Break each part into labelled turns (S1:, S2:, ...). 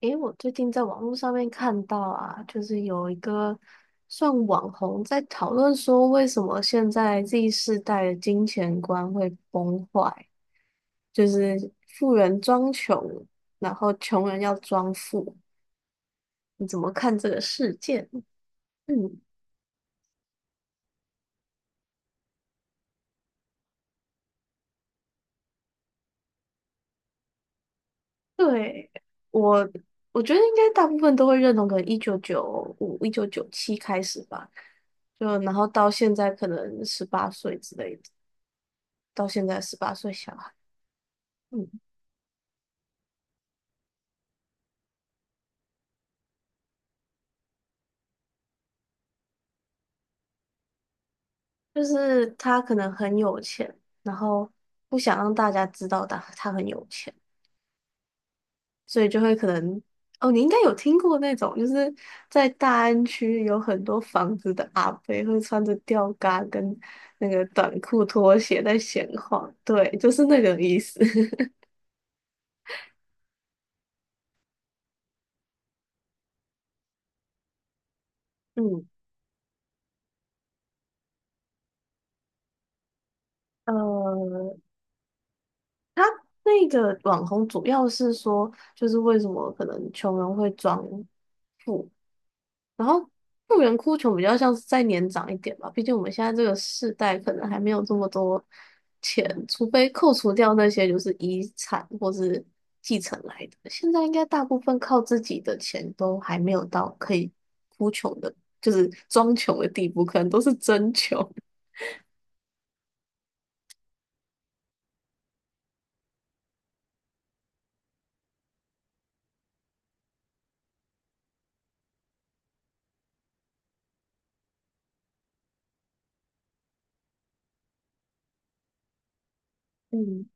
S1: 诶，我最近在网络上面看到啊，就是有一个算网红在讨论说，为什么现在 Z 世代的金钱观会崩坏，就是富人装穷，然后穷人要装富。你怎么看这个事件？嗯，对，我我觉得应该大部分都会认同，可能1995、1997开始吧，就然后到现在可能十八岁之类的，到现在十八岁小孩。嗯就是他可能很有钱，然后不想让大家知道他很有钱，所以就会可能哦，你应该有听过那种，就是在大安区有很多房子的阿飞，会穿着吊嘎跟那个短裤拖鞋在闲晃，对，就是那个意思。嗯，呃，他那个网红主要是说，就是为什么可能穷人会装富，然后富人哭穷比较像是再年长一点吧，毕竟我们现在这个世代可能还没有这么多钱，除非扣除掉那些就是遗产或是继承来的。现在应该大部分靠自己的钱都还没有到可以哭穷的，就是装穷的地步，可能都是真穷。嗯，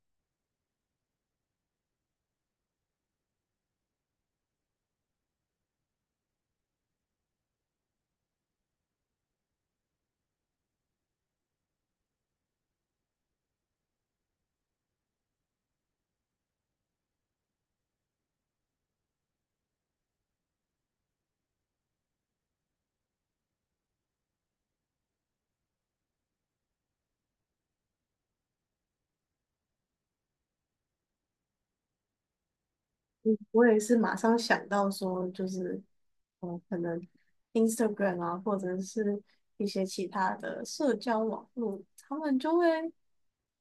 S1: 我也是马上想到说，就是可能 Instagram 啊，或者是一些其他的社交网络，他们就会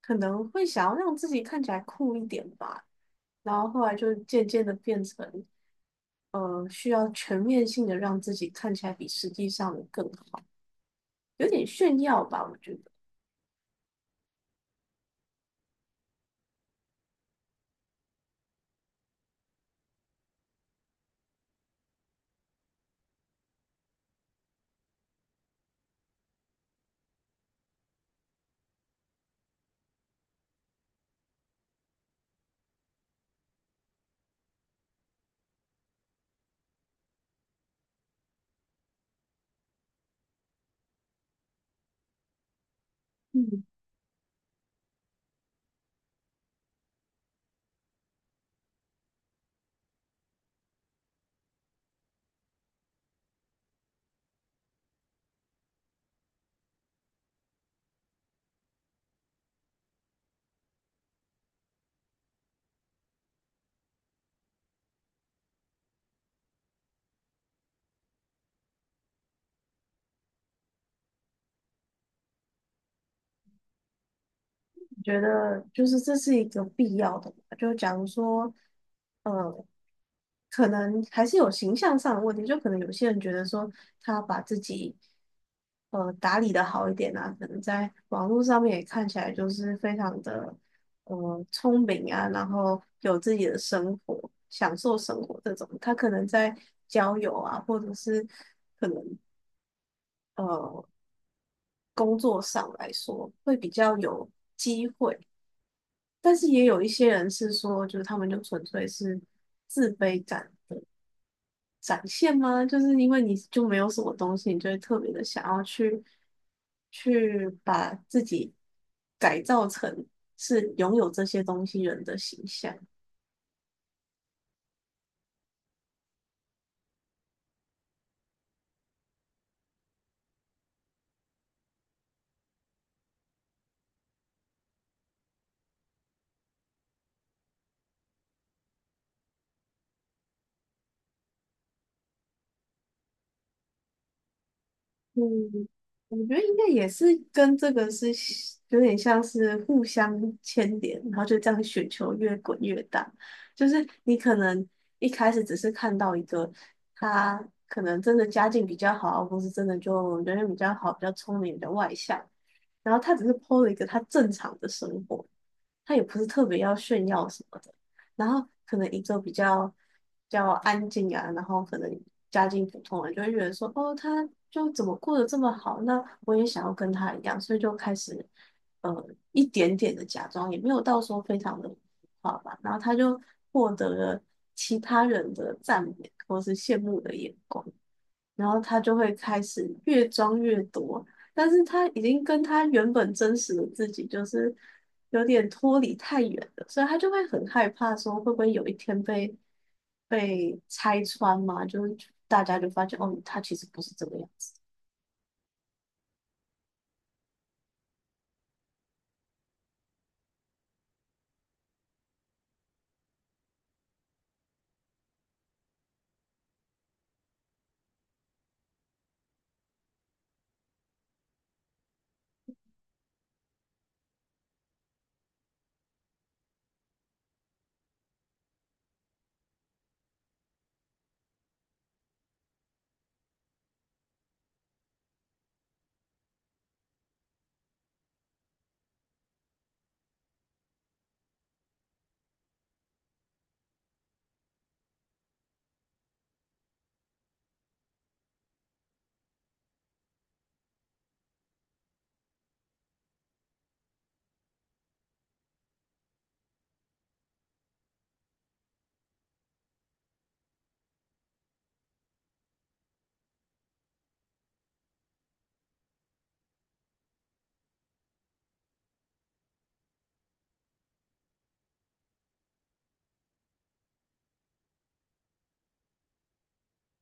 S1: 可能会想要让自己看起来酷一点吧，然后后来就渐渐的变成需要全面性的让自己看起来比实际上的更好，有点炫耀吧，我觉得。我觉得就是这是一个必要的嘛，就假如说，呃，可能还是有形象上的问题，就可能有些人觉得说他把自己打理的好一点啊，可能在网络上面也看起来就是非常的聪明啊，然后有自己的生活，享受生活这种，他可能在交友啊，或者是呃工作上来说会比较有机会。但是也有一些人是说，就是他们就纯粹是自卑感的展现吗？就是因为你就没有什么东西，你就会特别的想要去把自己改造成是拥有这些东西人的形象。嗯，我觉得应该也是跟这个是有点像是互相牵连，然后就这样雪球越滚越大。就是你可能一开始只是看到一个他可能真的家境比较好，或是真的就人缘比较好、比较聪明、比较外向，然后他只是 p 了一个他正常的生活，他也不是特别要炫耀什么的。然后可能一个比较安静啊，然后可能家境普通人就会觉得说，哦，他就怎么过得这么好，那我也想要跟他一样，所以就开始呃一点点的假装，也没有到说非常的好吧。然后他就获得了其他人的赞美或是羡慕的眼光。然后他就会开始越装越多，但是他已经跟他原本真实的自己就是有点脱离太远了，所以他就会很害怕，说会不会有一天被拆穿嘛？就是大家就发现哦，他其实不是这个样子。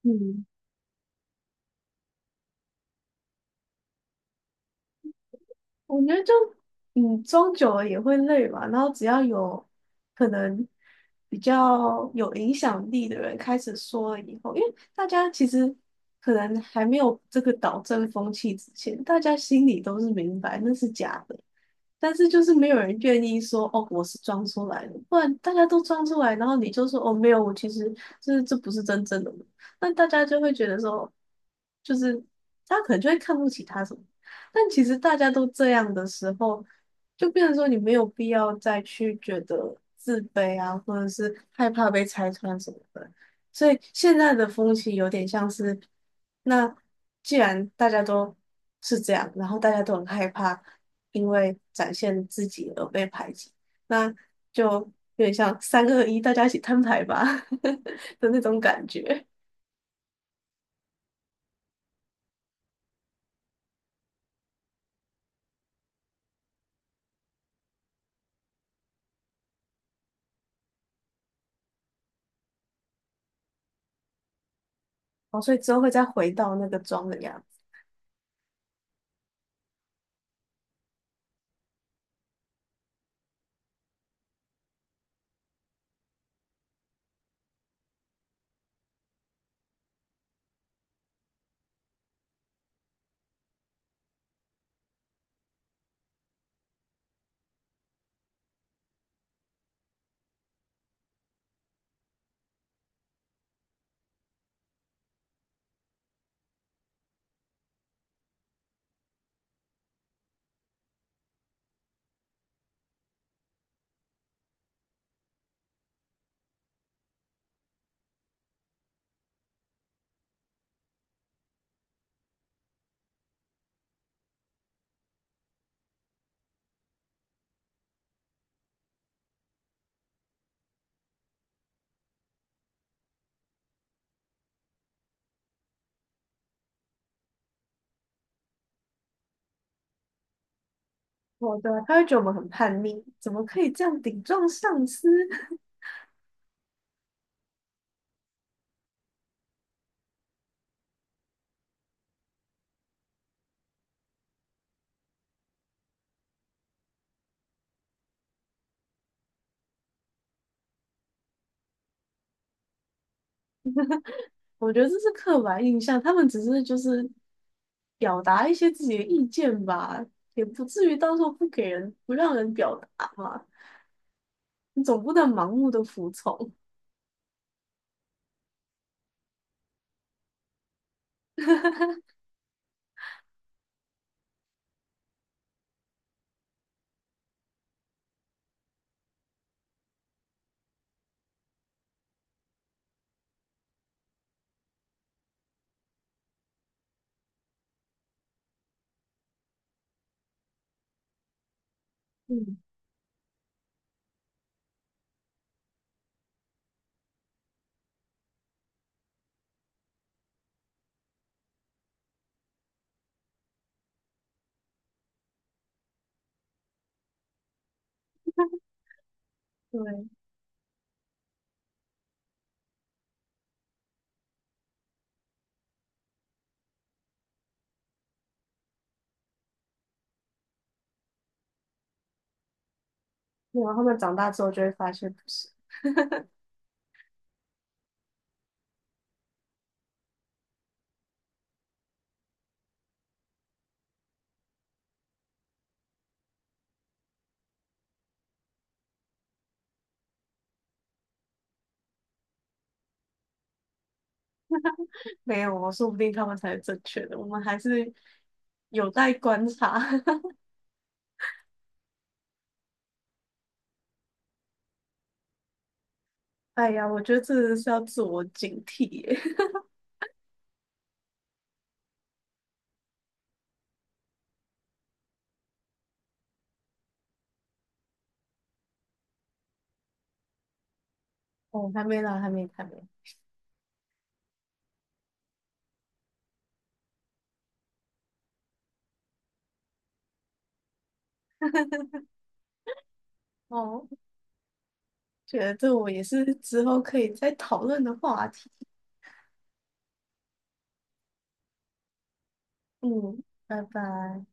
S1: 嗯，我觉得就装久了也会累嘛。然后只要有可能比较有影响力的人开始说了以后，因为大家其实可能还没有这个导正风气之前，大家心里都是明白那是假的，但是就是没有人愿意说哦，我是装出来的，不然大家都装出来，然后你就说哦，没有，我其实这不是真正的我，那大家就会觉得说，就是他可能就会看不起他什么。但其实大家都这样的时候，就变成说你没有必要再去觉得自卑啊，或者是害怕被拆穿什么的。所以现在的风气有点像是，那既然大家都是这样，然后大家都很害怕因为展现自己而被排挤，那就有点像三二一，大家一起摊牌吧 的那种感觉。哦，所以之后会再回到那个妆的样子。好的，他会觉得我们很叛逆，怎么可以这样顶撞上司？我觉得这是刻板印象，他们只是就是表达一些自己的意见吧，也不至于到时候不让人表达嘛。你总不能盲目的服从。嗯，对。然后他们长大之后就会发现不是，没有哦，说不定他们才是正确的，我们还是有待观察。哎呀，我觉得这是要自我警惕耶。哦，还没啦，还没，还没。哦。觉得这我也是之后可以再讨论的话题。嗯，拜拜。